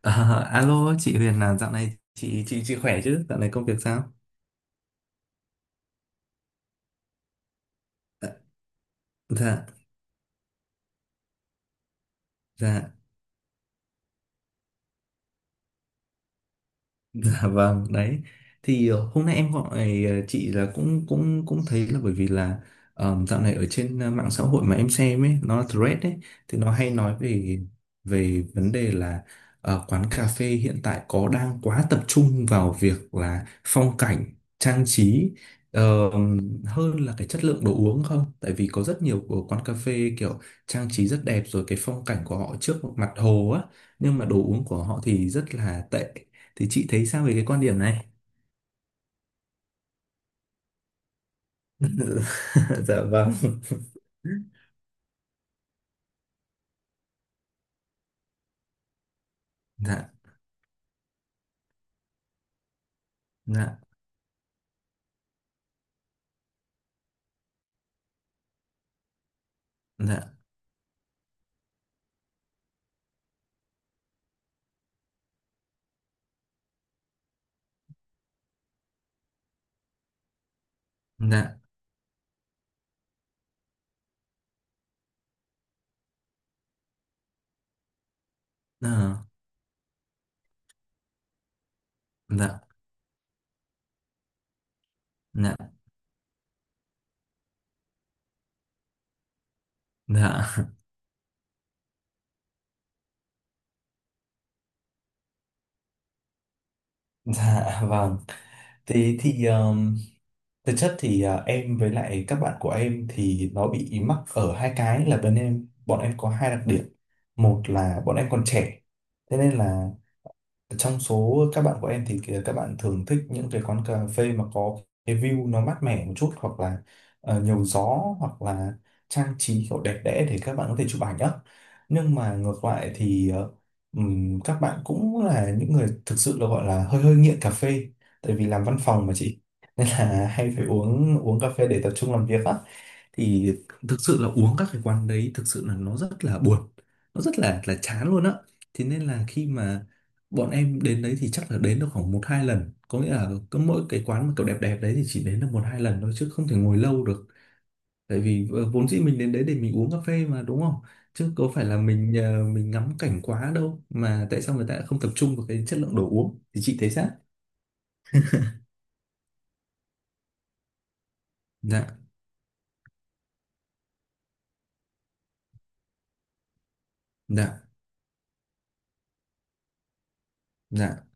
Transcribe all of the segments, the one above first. Ờ, alo chị Huyền là dạo này chị khỏe chứ? Dạo này công việc sao? Ờ. Dạ dạ. Dạ vâng, đấy. Thì hôm nay em gọi chị là cũng cũng cũng thấy là bởi vì là dạo này ở trên mạng xã hội mà em xem ấy, nó là thread ấy thì nó hay nói về về vấn đề là quán cà phê hiện tại có đang quá tập trung vào việc là phong cảnh, trang trí ờ, hơn là cái chất lượng đồ uống không? Tại vì có rất nhiều của quán cà phê kiểu trang trí rất đẹp rồi cái phong cảnh của họ trước mặt hồ á, nhưng mà đồ uống của họ thì rất là tệ thì chị thấy sao về cái quan điểm này. dạ vâng. Dạ. Dạ. dạ dạ ờ, dạ dạ dạ. Dạ vâng. Thế thì thực chất thì em với lại các bạn của em thì nó bị mắc ở hai cái là bên em bọn em có hai đặc điểm. Một là bọn em còn trẻ, thế nên là trong số các bạn của em thì kìa, các bạn thường thích những cái quán cà phê mà có cái view nó mát mẻ một chút, hoặc là nhiều gió, hoặc là trang trí kiểu đẹp đẽ để các bạn có thể chụp ảnh á. Nhưng mà ngược lại thì các bạn cũng là những người thực sự là gọi là hơi hơi nghiện cà phê, tại vì làm văn phòng mà chị nên là hay phải uống uống cà phê để tập trung làm việc á. Thì thực sự là uống các cái quán đấy thực sự là nó rất là buồn, nó rất là chán luôn á. Thế nên là khi mà bọn em đến đấy thì chắc là đến được khoảng một hai lần, có nghĩa là cứ mỗi cái quán mà kiểu đẹp đẹp đấy thì chỉ đến được một hai lần thôi chứ không thể ngồi lâu được. Tại vì vốn dĩ mình đến đấy để mình uống cà phê mà, đúng không? Chứ có phải là mình mình ngắm cảnh quá đâu, mà tại sao người ta lại không tập trung vào cái chất lượng đồ uống, thì chị thấy sao? Dạ. Dạ. Dạ.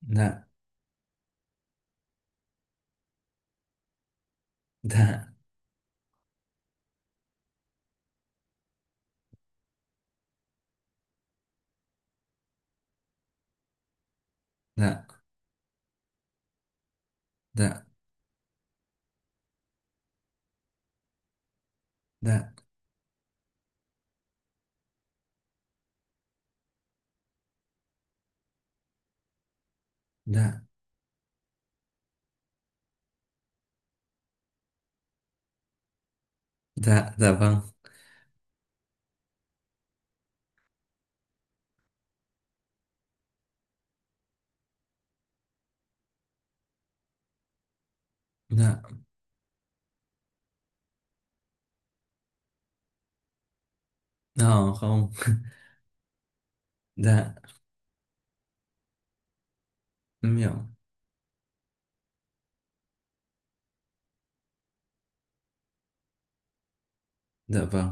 Dạ. Dạ. Dạ dạ dạ dạ dạ dạ vâng. Dạ. Ờ không. dạ. Em hiểu. Dạ vâng.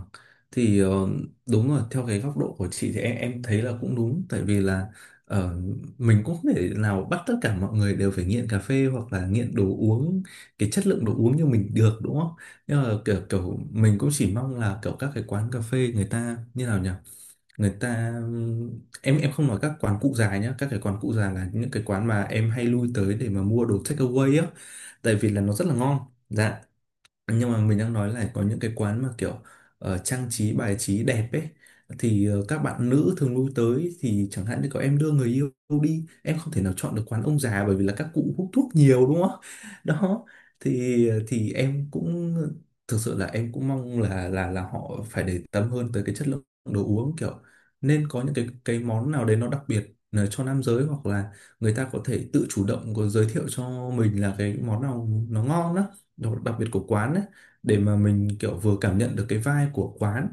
Thì đúng rồi, theo cái góc độ của chị thì em thấy là cũng đúng, tại vì là ờ, mình cũng không thể nào bắt tất cả mọi người đều phải nghiện cà phê hoặc là nghiện đồ uống, cái chất lượng đồ uống như mình được, đúng không? Nhưng mà kiểu kiểu mình cũng chỉ mong là kiểu các cái quán cà phê người ta như nào nhỉ? Người ta, em không nói các quán cụ già nhá, các cái quán cụ già là những cái quán mà em hay lui tới để mà mua đồ take away á, tại vì là nó rất là ngon. Dạ. Nhưng mà mình đang nói là có những cái quán mà kiểu trang trí bài trí đẹp ấy thì các bạn nữ thường lui tới, thì chẳng hạn như có em đưa người yêu đi, em không thể nào chọn được quán ông già bởi vì là các cụ hút thuốc nhiều, đúng không? đó thì em cũng thực sự là em cũng mong là là họ phải để tâm hơn tới cái chất lượng đồ uống, kiểu nên có những cái món nào đấy nó đặc biệt cho nam giới, hoặc là người ta có thể tự chủ động có giới thiệu cho mình là cái món nào nó ngon đó, đồ đặc biệt của quán ấy, để mà mình kiểu vừa cảm nhận được cái vibe của quán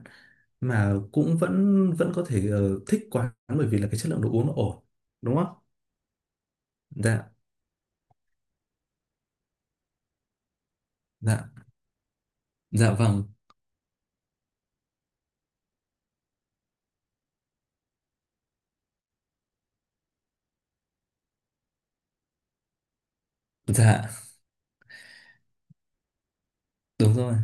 mà cũng vẫn vẫn có thể thích quán bởi vì là cái chất lượng đồ uống nó ổn, đúng không? Dạ. Dạ. Dạ vâng. Dạ. Đúng rồi,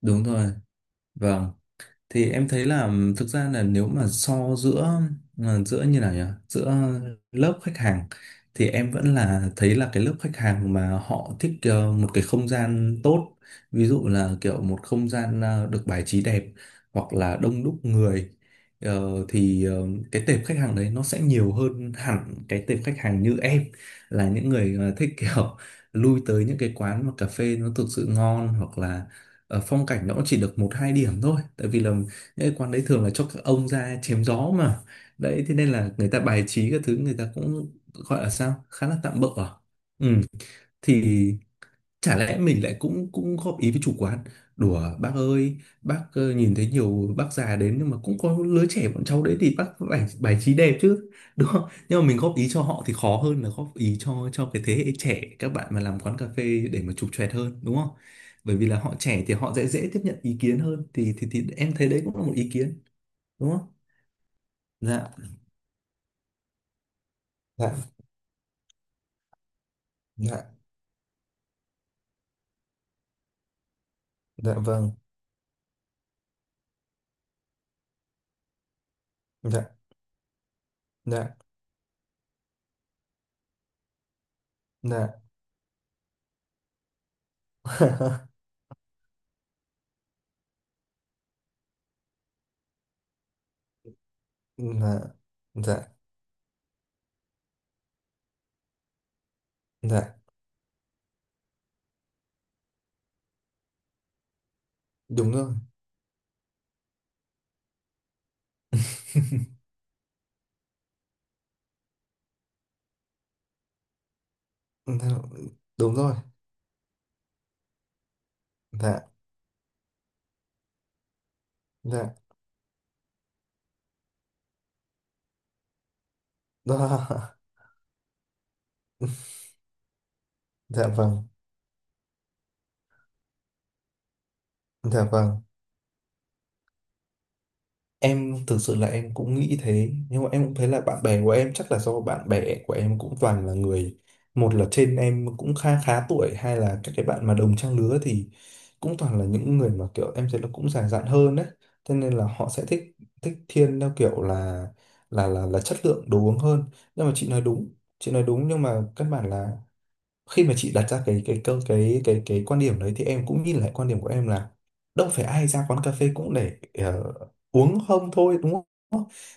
đúng rồi. Vâng, thì em thấy là thực ra là nếu mà so giữa giữa như nào nhỉ, giữa lớp khách hàng thì em vẫn là thấy là cái lớp khách hàng mà họ thích một cái không gian tốt, ví dụ là kiểu một không gian được bài trí đẹp, hoặc là đông đúc người. Ờ, thì cái tệp khách hàng đấy nó sẽ nhiều hơn hẳn cái tệp khách hàng như em, là những người thích kiểu lui tới những cái quán mà cà phê nó thực sự ngon, hoặc là phong cảnh nó cũng chỉ được một hai điểm thôi, tại vì là cái quán đấy thường là cho các ông ra chém gió mà. Đấy thế nên là người ta bài trí các thứ người ta cũng gọi là sao khá là tạm bợ à. Ừ, thì chả lẽ mình lại cũng cũng góp ý với chủ quán: "Đùa bác ơi, bác nhìn thấy nhiều bác già đến nhưng mà cũng có lứa trẻ bọn cháu đấy thì bác phải bài trí đẹp chứ, đúng không?" Nhưng mà mình góp ý cho họ thì khó hơn là góp ý cho cái thế hệ trẻ các bạn mà làm quán cà phê để mà chụp choẹt hơn, đúng không? Bởi vì là họ trẻ thì họ dễ dễ tiếp nhận ý kiến hơn, thì thì em thấy đấy cũng là một ý kiến, đúng không? Dạ. Dạ. Dạ vâng. Dạ. Dạ. Dạ. Dạ. Dạ. Dạ. Đúng rồi. Dạ, đúng rồi. Dạ. Dạ. Đó. dạ vâng. Dạ vâng. Em thực sự là em cũng nghĩ thế nhưng mà em cũng thấy là bạn bè của em chắc là do bạn bè của em cũng toàn là người, một là trên em cũng khá khá tuổi, hai là các cái bạn mà đồng trang lứa thì cũng toàn là những người mà kiểu em thấy là cũng già dặn hơn đấy, thế nên là họ sẽ thích thích thiên theo kiểu là là chất lượng đồ uống hơn. Nhưng mà chị nói đúng, chị nói đúng, nhưng mà căn bản là khi mà chị đặt ra cái câu cái quan điểm đấy thì em cũng nhìn lại quan điểm của em là, đâu phải ai ra quán cà phê cũng để uống không thôi, đúng không?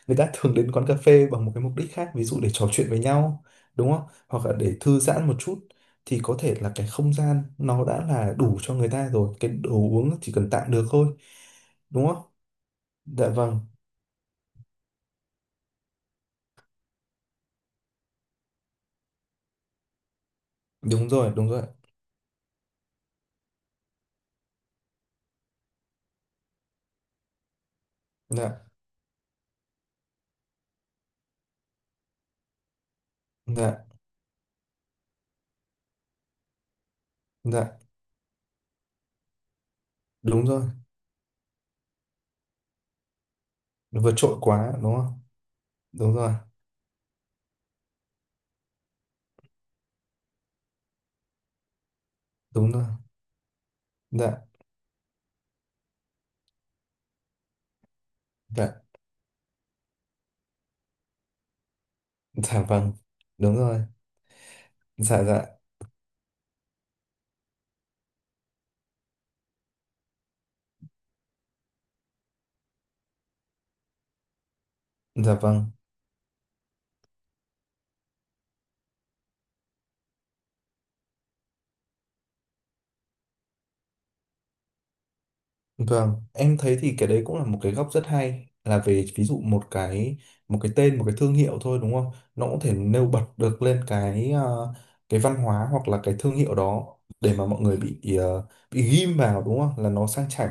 Người ta thường đến quán cà phê bằng một cái mục đích khác, ví dụ để trò chuyện với nhau, đúng không? Hoặc là để thư giãn một chút, thì có thể là cái không gian nó đã là đủ cho người ta rồi, cái đồ uống chỉ cần tạm được thôi, đúng không? Dạ vâng, đúng rồi, đúng rồi. Dạ, dạ, dạ, đúng rồi. Vượt trội quá đúng không? Đúng rồi, đúng rồi. Dạ. Dạ. Dạ vâng. Đúng rồi. Dạ. Dạ. Dạ vâng. Vâng, em thấy thì cái đấy cũng là một cái góc rất hay, là về ví dụ một cái tên một cái thương hiệu thôi, đúng không? Nó cũng thể nêu bật được lên cái cái văn hóa hoặc là cái thương hiệu đó, để mà mọi người bị bị ghim vào, đúng không? Là nó sang chảnh.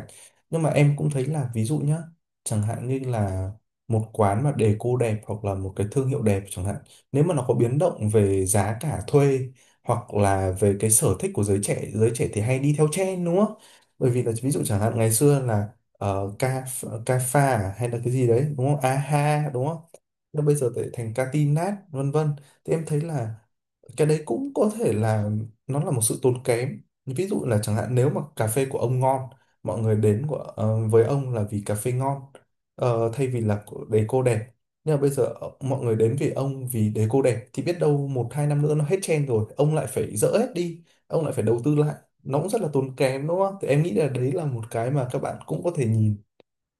Nhưng mà em cũng thấy là ví dụ nhá, chẳng hạn như là một quán mà đề cô đẹp hoặc là một cái thương hiệu đẹp chẳng hạn, nếu mà nó có biến động về giá cả thuê, hoặc là về cái sở thích của giới trẻ thì hay đi theo trend, đúng không? Bởi vì là ví dụ chẳng hạn ngày xưa là ca ca pha à, hay là cái gì đấy đúng không, a ha đúng không, nó bây giờ lại thành ca tin nát vân vân, thì em thấy là cái đấy cũng có thể là nó là một sự tốn kém. Ví dụ là chẳng hạn nếu mà cà phê của ông ngon, mọi người đến của, với ông là vì cà phê ngon thay vì là của- đề cô đẹp, nhưng mà bây giờ mọi người đến vì ông vì đề cô đẹp, thì biết đâu một hai năm nữa nó hết trend rồi, ông lại phải dỡ hết đi, ông lại phải đầu tư lại, nó cũng rất là tốn kém, đúng không? Thì em nghĩ là đấy là một cái mà các bạn cũng có thể nhìn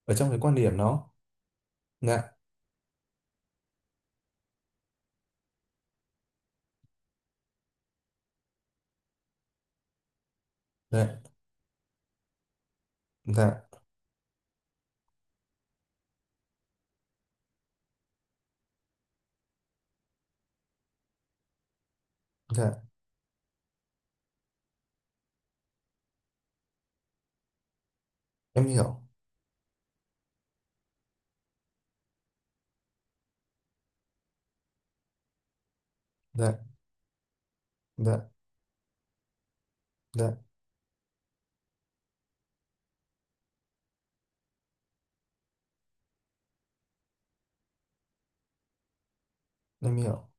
ở trong cái quan điểm đó. Dạ. Dạ. Dạ. Dạ. Em hiểu. Dạ. Dạ. Dạ. Em hiểu.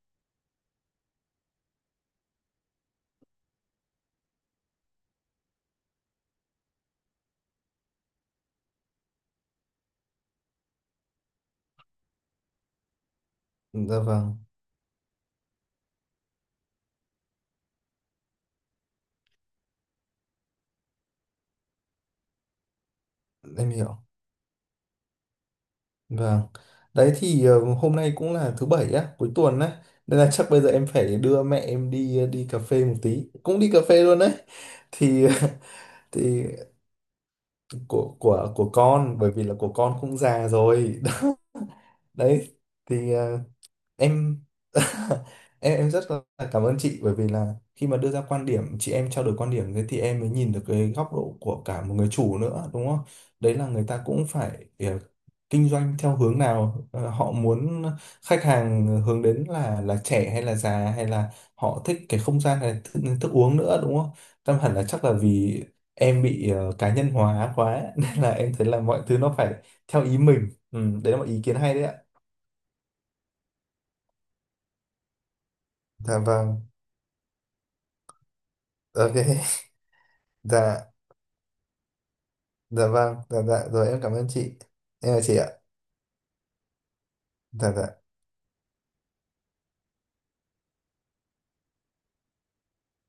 Dạ vâng. Em hiểu. Vâng. Đấy thì hôm nay cũng là thứ bảy á, cuối tuần á. Nên là chắc bây giờ em phải đưa mẹ em đi đi cà phê một tí. Cũng đi cà phê luôn đấy. Thì thì của của con bởi vì là của con cũng già rồi. Đấy thì em em rất là cảm ơn chị bởi vì là khi mà đưa ra quan điểm chị em trao đổi quan điểm thế thì em mới nhìn được cái góc độ của cả một người chủ nữa, đúng không? Đấy là người ta cũng phải kinh doanh theo hướng nào, họ muốn khách hàng hướng đến là trẻ hay là già, hay là họ thích cái không gian hay thức, thức uống nữa, đúng không? Tâm hẳn là chắc là vì em bị cá nhân hóa quá nên là em thấy là mọi thứ nó phải theo ý mình. Ừ, đấy là một ý kiến hay đấy ạ. Dạ vâng. Ok. Dạ. Dạ vâng. Dạ. Dạ rồi em cảm ơn chị. Em chào chị ạ. Dạ. Dạ.